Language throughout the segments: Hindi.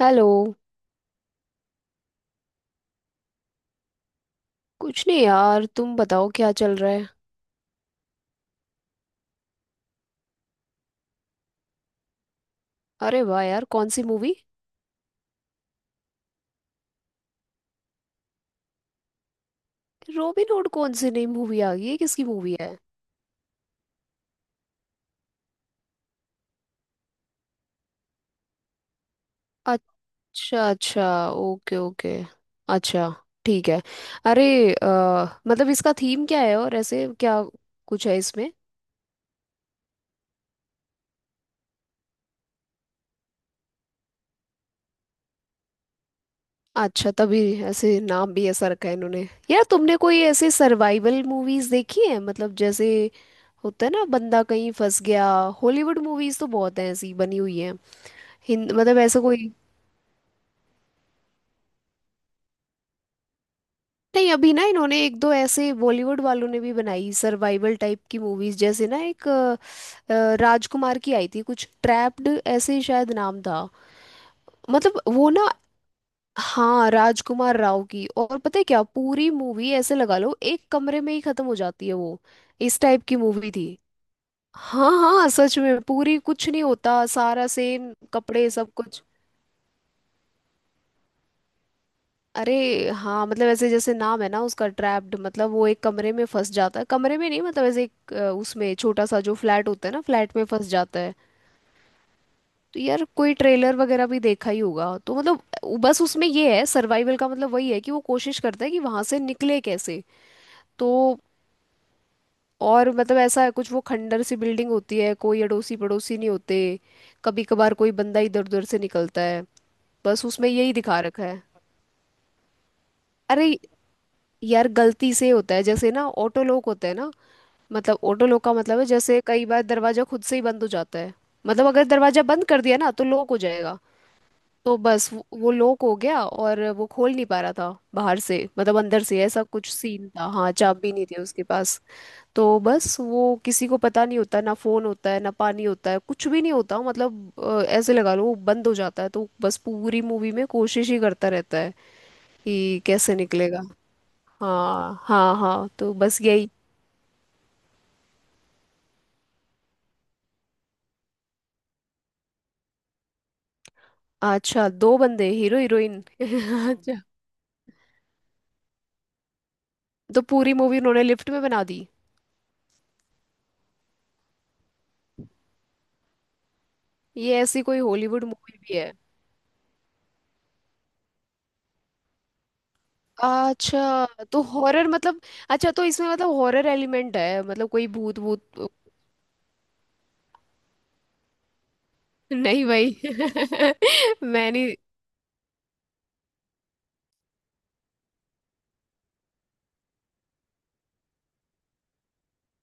हेलो। कुछ नहीं यार, तुम बताओ क्या चल रहा है। अरे वाह यार, कौन सी मूवी। Robin Hood? कौन सी नई मूवी आ गई है? किसकी मूवी है? अच्छा अच्छा। Okay okay. अच्छा। ठीक है। अरे अ, मतलब इसका थीम क्या है और ऐसे क्या कुछ है इसमें। अच्छा, तभी ऐसे नाम भी ऐसा रखा है इन्होंने। यार तुमने कोई ऐसे सर्वाइवल मूवीज देखी है? मतलब जैसे होता है ना बंदा कहीं फंस गया। हॉलीवुड मूवीज तो बहुत हैं ऐसी बनी हुई हैं। हिंद मतलब ऐसा कोई। नहीं, अभी ना इन्होंने एक दो ऐसे बॉलीवुड वालों ने भी बनाई सर्वाइवल टाइप की मूवीज, जैसे ना एक राजकुमार की आई थी कुछ ट्रैप्ड, ऐसे ही शायद नाम था। मतलब वो ना। हाँ, राजकुमार राव की। और पता है क्या, पूरी मूवी ऐसे लगा लो एक कमरे में ही खत्म हो जाती है वो। इस टाइप की मूवी थी। हाँ हाँ, सच में पूरी कुछ नहीं होता, सारा सेम कपड़े सब कुछ। अरे हाँ, मतलब ऐसे जैसे नाम है ना उसका ट्रैप्ड, मतलब वो एक कमरे में फंस जाता है, कमरे में नहीं मतलब ऐसे एक उसमें छोटा सा जो फ्लैट होता है ना, फ्लैट में फंस जाता है। तो यार कोई ट्रेलर वगैरह भी देखा ही होगा तो, मतलब बस उसमें ये है, सर्वाइवल का मतलब वही है कि वो कोशिश करता है कि वहां से निकले कैसे। तो, और मतलब ऐसा है कुछ, वो खंडर सी बिल्डिंग होती है, कोई अड़ोसी पड़ोसी नहीं होते। कभी कभार कोई बंदा इधर उधर से निकलता है। बस उसमें यही दिखा रखा है। अरे यार, गलती से होता है, जैसे ना ऑटो लॉक होता है ना। मतलब ऑटो लॉक का मतलब है, जैसे कई बार दरवाजा खुद से ही बंद हो जाता है। मतलब अगर दरवाजा बंद कर दिया ना तो लॉक हो जाएगा। तो बस वो लॉक हो गया और वो खोल नहीं पा रहा था बाहर से, मतलब अंदर से। ऐसा कुछ सीन था। हाँ, चाबी नहीं थी उसके पास। तो बस वो किसी को पता नहीं होता, ना फोन होता है, ना पानी होता है, कुछ भी नहीं होता। मतलब ऐसे लगा लो वो बंद हो जाता है, तो बस पूरी मूवी में कोशिश ही करता रहता है कि कैसे निकलेगा। हाँ हाँ हाँ, तो बस यही। अच्छा, दो बंदे हीरो हीरोइन? अच्छा। तो पूरी मूवी उन्होंने लिफ्ट में बना दी। ये ऐसी कोई हॉलीवुड मूवी भी है? अच्छा, तो हॉरर मतलब? अच्छा, तो इसमें मतलब हॉरर एलिमेंट है, मतलब कोई भूत भूत? नहीं भाई, मैं नहीं।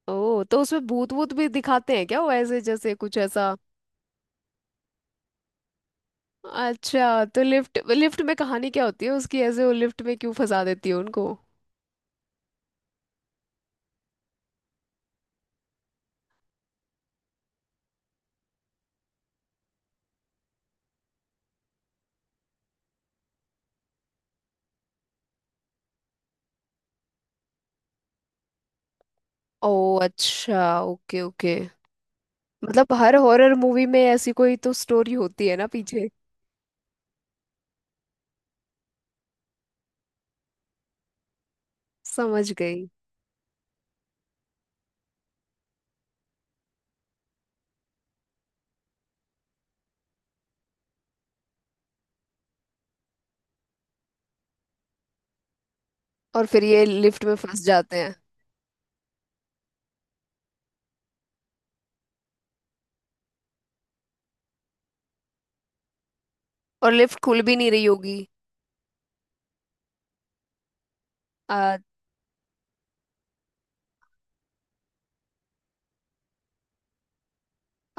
ओ, तो उसमें भूत भूत भी दिखाते हैं क्या वो? ऐसे जैसे कुछ ऐसा। अच्छा, तो लिफ्ट लिफ्ट में कहानी क्या होती है उसकी? ऐसे वो लिफ्ट में क्यों फंसा देती है उनको? ओ, अच्छा। Okay okay. मतलब हर हॉरर मूवी में ऐसी कोई तो स्टोरी होती है ना पीछे। समझ गई। और फिर ये लिफ्ट में फंस जाते हैं। और लिफ्ट खुल भी नहीं रही होगी। आ,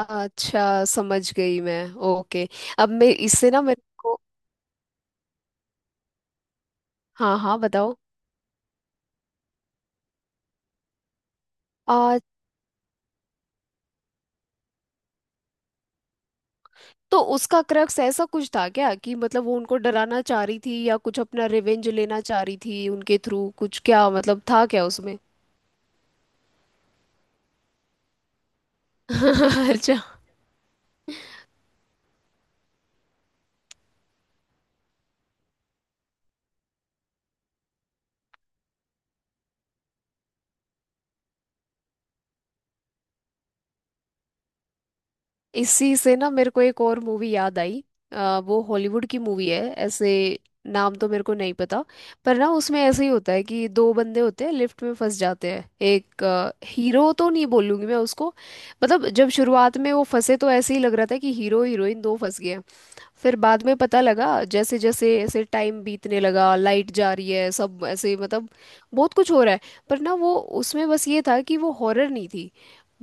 अच्छा, समझ गई मैं। ओके। अब मैं इससे ना मेरे को, हाँ हाँ बताओ। आ, तो उसका क्रक्स ऐसा कुछ था क्या, कि मतलब वो उनको डराना चाह रही थी या कुछ अपना रिवेंज लेना चाह रही थी उनके थ्रू, कुछ क्या मतलब था क्या उसमें? अच्छा, इसी से ना मेरे को एक और मूवी याद आई। वो हॉलीवुड की मूवी है ऐसे। नाम तो मेरे को नहीं पता, पर ना उसमें ऐसे ही होता है कि दो बंदे होते हैं लिफ्ट में फंस जाते हैं। एक हीरो तो नहीं बोलूंगी मैं उसको। मतलब जब शुरुआत में वो फंसे तो ऐसे ही लग रहा था कि हीरो हीरोइन दो फंस गए हैं। फिर बाद में पता लगा, जैसे जैसे ऐसे टाइम बीतने लगा, लाइट जा रही है, सब ऐसे मतलब बहुत कुछ हो रहा है। पर ना वो, उसमें बस ये था कि वो हॉरर नहीं थी,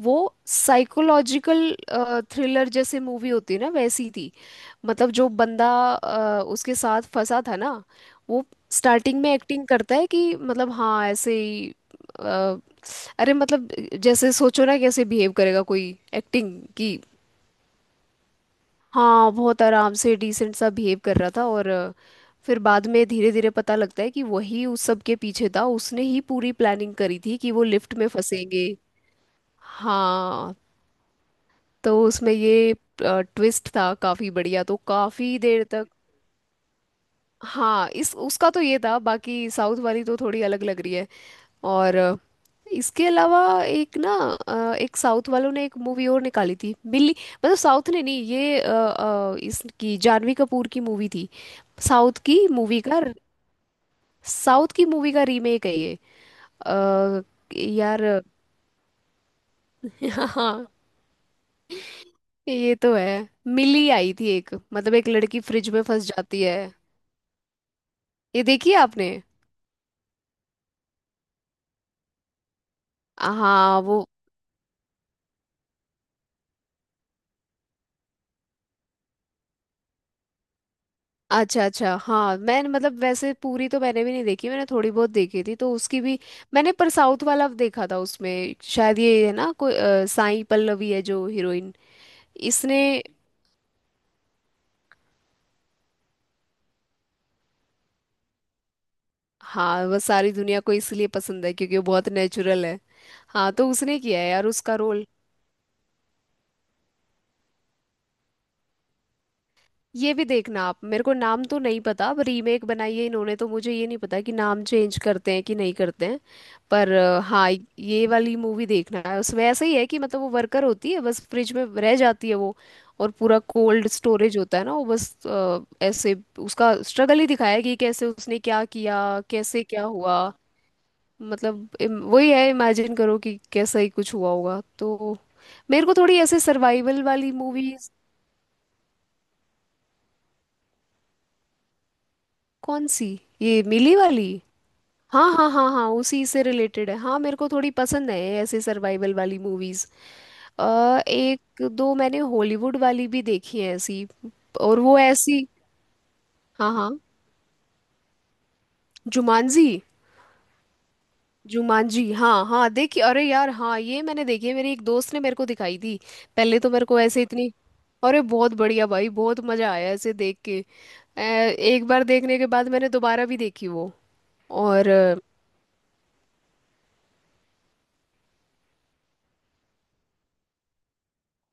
वो साइकोलॉजिकल थ्रिलर जैसे मूवी होती है ना, वैसी थी। मतलब जो बंदा उसके साथ फंसा था ना, वो स्टार्टिंग में एक्टिंग करता है कि मतलब हाँ ऐसे ही, अ, अरे मतलब जैसे सोचो ना कैसे बिहेव करेगा कोई, एक्टिंग की। हाँ, बहुत आराम से डिसेंट सा बिहेव कर रहा था, और फिर बाद में धीरे धीरे पता लगता है कि वही उस सब के पीछे था, उसने ही पूरी प्लानिंग करी थी कि वो लिफ्ट में फंसेंगे। हाँ, तो उसमें ये ट्विस्ट था काफी बढ़िया, तो काफी देर तक। हाँ, इस उसका तो ये था, बाकी साउथ वाली तो थोड़ी अलग लग रही है। और इसके अलावा एक ना, एक साउथ वालों ने एक मूवी और निकाली थी, मिली। मतलब साउथ ने नहीं, ये इसकी जानवी कपूर की मूवी थी। साउथ की मूवी का साउथ की मूवी का रीमेक है ये। अ, यार। हाँ, ये तो है। मिली आई थी एक, मतलब एक लड़की फ्रिज में फंस जाती है। ये देखी है आपने? हाँ वो। अच्छा अच्छा। हाँ, मैंने मतलब वैसे पूरी तो मैंने भी नहीं देखी, मैंने थोड़ी बहुत देखी थी तो उसकी भी। मैंने पर साउथ वाला देखा था उसमें, शायद ये है ना कोई साई पल्लवी है जो हीरोइन, इसने। हाँ, वह सारी दुनिया को इसलिए पसंद है क्योंकि वो बहुत नेचुरल है। हाँ, तो उसने किया है यार उसका रोल। ये भी देखना आप, मेरे को नाम तो नहीं पता, अब रीमेक बनाई है इन्होंने तो मुझे ये नहीं पता कि नाम चेंज करते हैं कि नहीं करते हैं। पर हाँ। ये वाली मूवी देखना है, उसमें ऐसा ही है कि मतलब वो वर्कर होती है, बस फ्रिज में रह जाती है वो, और पूरा कोल्ड स्टोरेज होता है ना, वो बस ऐसे, उसका स्ट्रगल ही दिखाया है कि कैसे उसने क्या किया, कैसे क्या हुआ। मतलब वही है, इमेजिन करो कि कैसा ही कुछ हुआ होगा तो। मेरे को थोड़ी ऐसे सर्वाइवल वाली मूवीज। कौन सी? ये मिली वाली। हाँ हाँ हाँ हाँ, उसी से रिलेटेड है। हाँ, मेरे को थोड़ी पसंद है ऐसे सर्वाइवल वाली मूवीज। अ एक दो मैंने हॉलीवुड वाली भी देखी है ऐसी, और वो ऐसी। हाँ हाँ, जुमानजी। जुमानजी, हाँ हाँ, देखी। अरे यार हाँ, ये मैंने देखी है, मेरी एक दोस्त ने मेरे को दिखाई थी। पहले तो मेरे को ऐसे इतनी। अरे बहुत बढ़िया भाई, बहुत मजा आया ऐसे देख के। एक बार देखने के बाद मैंने दोबारा भी देखी वो। और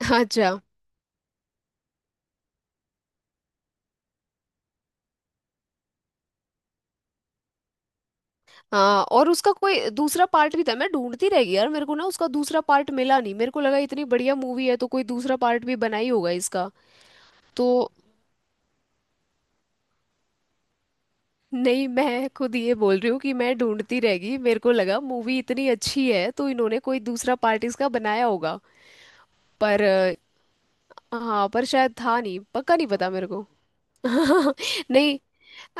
अच्छा। हाँ, और उसका कोई दूसरा पार्ट भी था? मैं ढूंढती रह गई यार, मेरे को ना उसका दूसरा पार्ट मिला नहीं, मेरे को लगा इतनी बढ़िया मूवी है तो कोई दूसरा पार्ट भी बना ही होगा इसका तो। नहीं, मैं खुद ये बोल रही हूँ कि मैं ढूंढती रह गई, मेरे को लगा मूवी इतनी अच्छी है तो इन्होंने कोई दूसरा पार्ट इसका बनाया होगा। पर हाँ, पर शायद था नहीं, पक्का नहीं पता मेरे को। नहीं,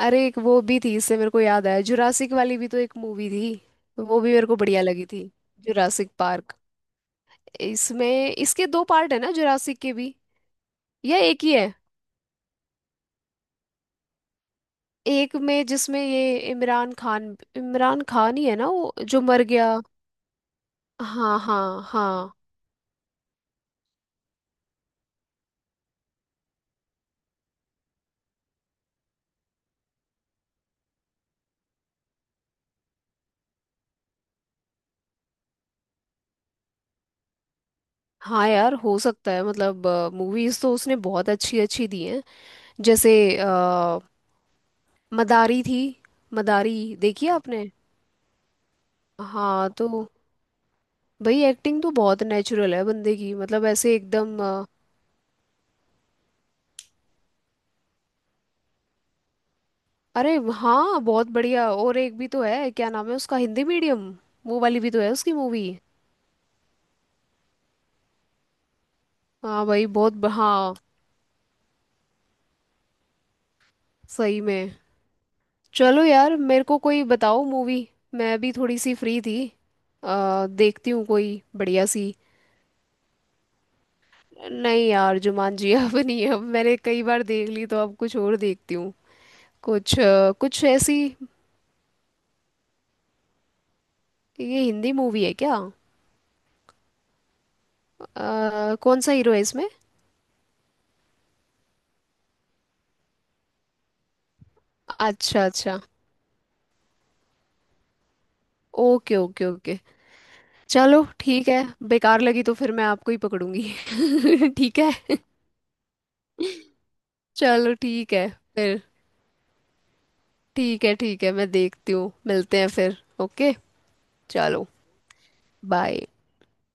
अरे एक वो भी थी, इससे मेरे को याद आया, जुरासिक वाली भी तो एक मूवी थी। वो भी मेरे को बढ़िया लगी थी, जुरासिक पार्क। इसमें इसके दो पार्ट है ना जुरासिक के भी, या एक ही है? एक में जिसमें ये इमरान खान ही है ना, वो जो मर गया? हाँ हाँ हाँ हाँ। यार हो सकता है मतलब, मूवीज तो उसने बहुत अच्छी अच्छी दी हैं। जैसे, अ, मदारी थी, मदारी देखी है आपने? हाँ, तो भाई एक्टिंग तो बहुत नेचुरल है बंदे की, मतलब ऐसे एकदम अरे हाँ, बहुत बढ़िया। और एक भी तो है क्या नाम है उसका, हिंदी मीडियम, वो वाली भी तो है उसकी मूवी। हाँ भाई बहुत हाँ, सही में। चलो यार मेरे को कोई बताओ मूवी, मैं भी थोड़ी सी फ्री थी। देखती हूँ कोई बढ़िया सी। नहीं यार, जुमान जी? अब नहीं, अब मैंने कई बार देख ली तो अब कुछ और देखती हूँ। कुछ कुछ ऐसी। ये हिंदी मूवी है क्या? कौन सा हीरो है इसमें? अच्छा अच्छा। Okay okay okay. चलो ठीक है। बेकार लगी तो फिर मैं आपको ही पकड़ूंगी। ठीक है, चलो। ठीक है फिर। ठीक है ठीक है, मैं देखती हूँ, मिलते हैं फिर। ओके, चलो। बाय।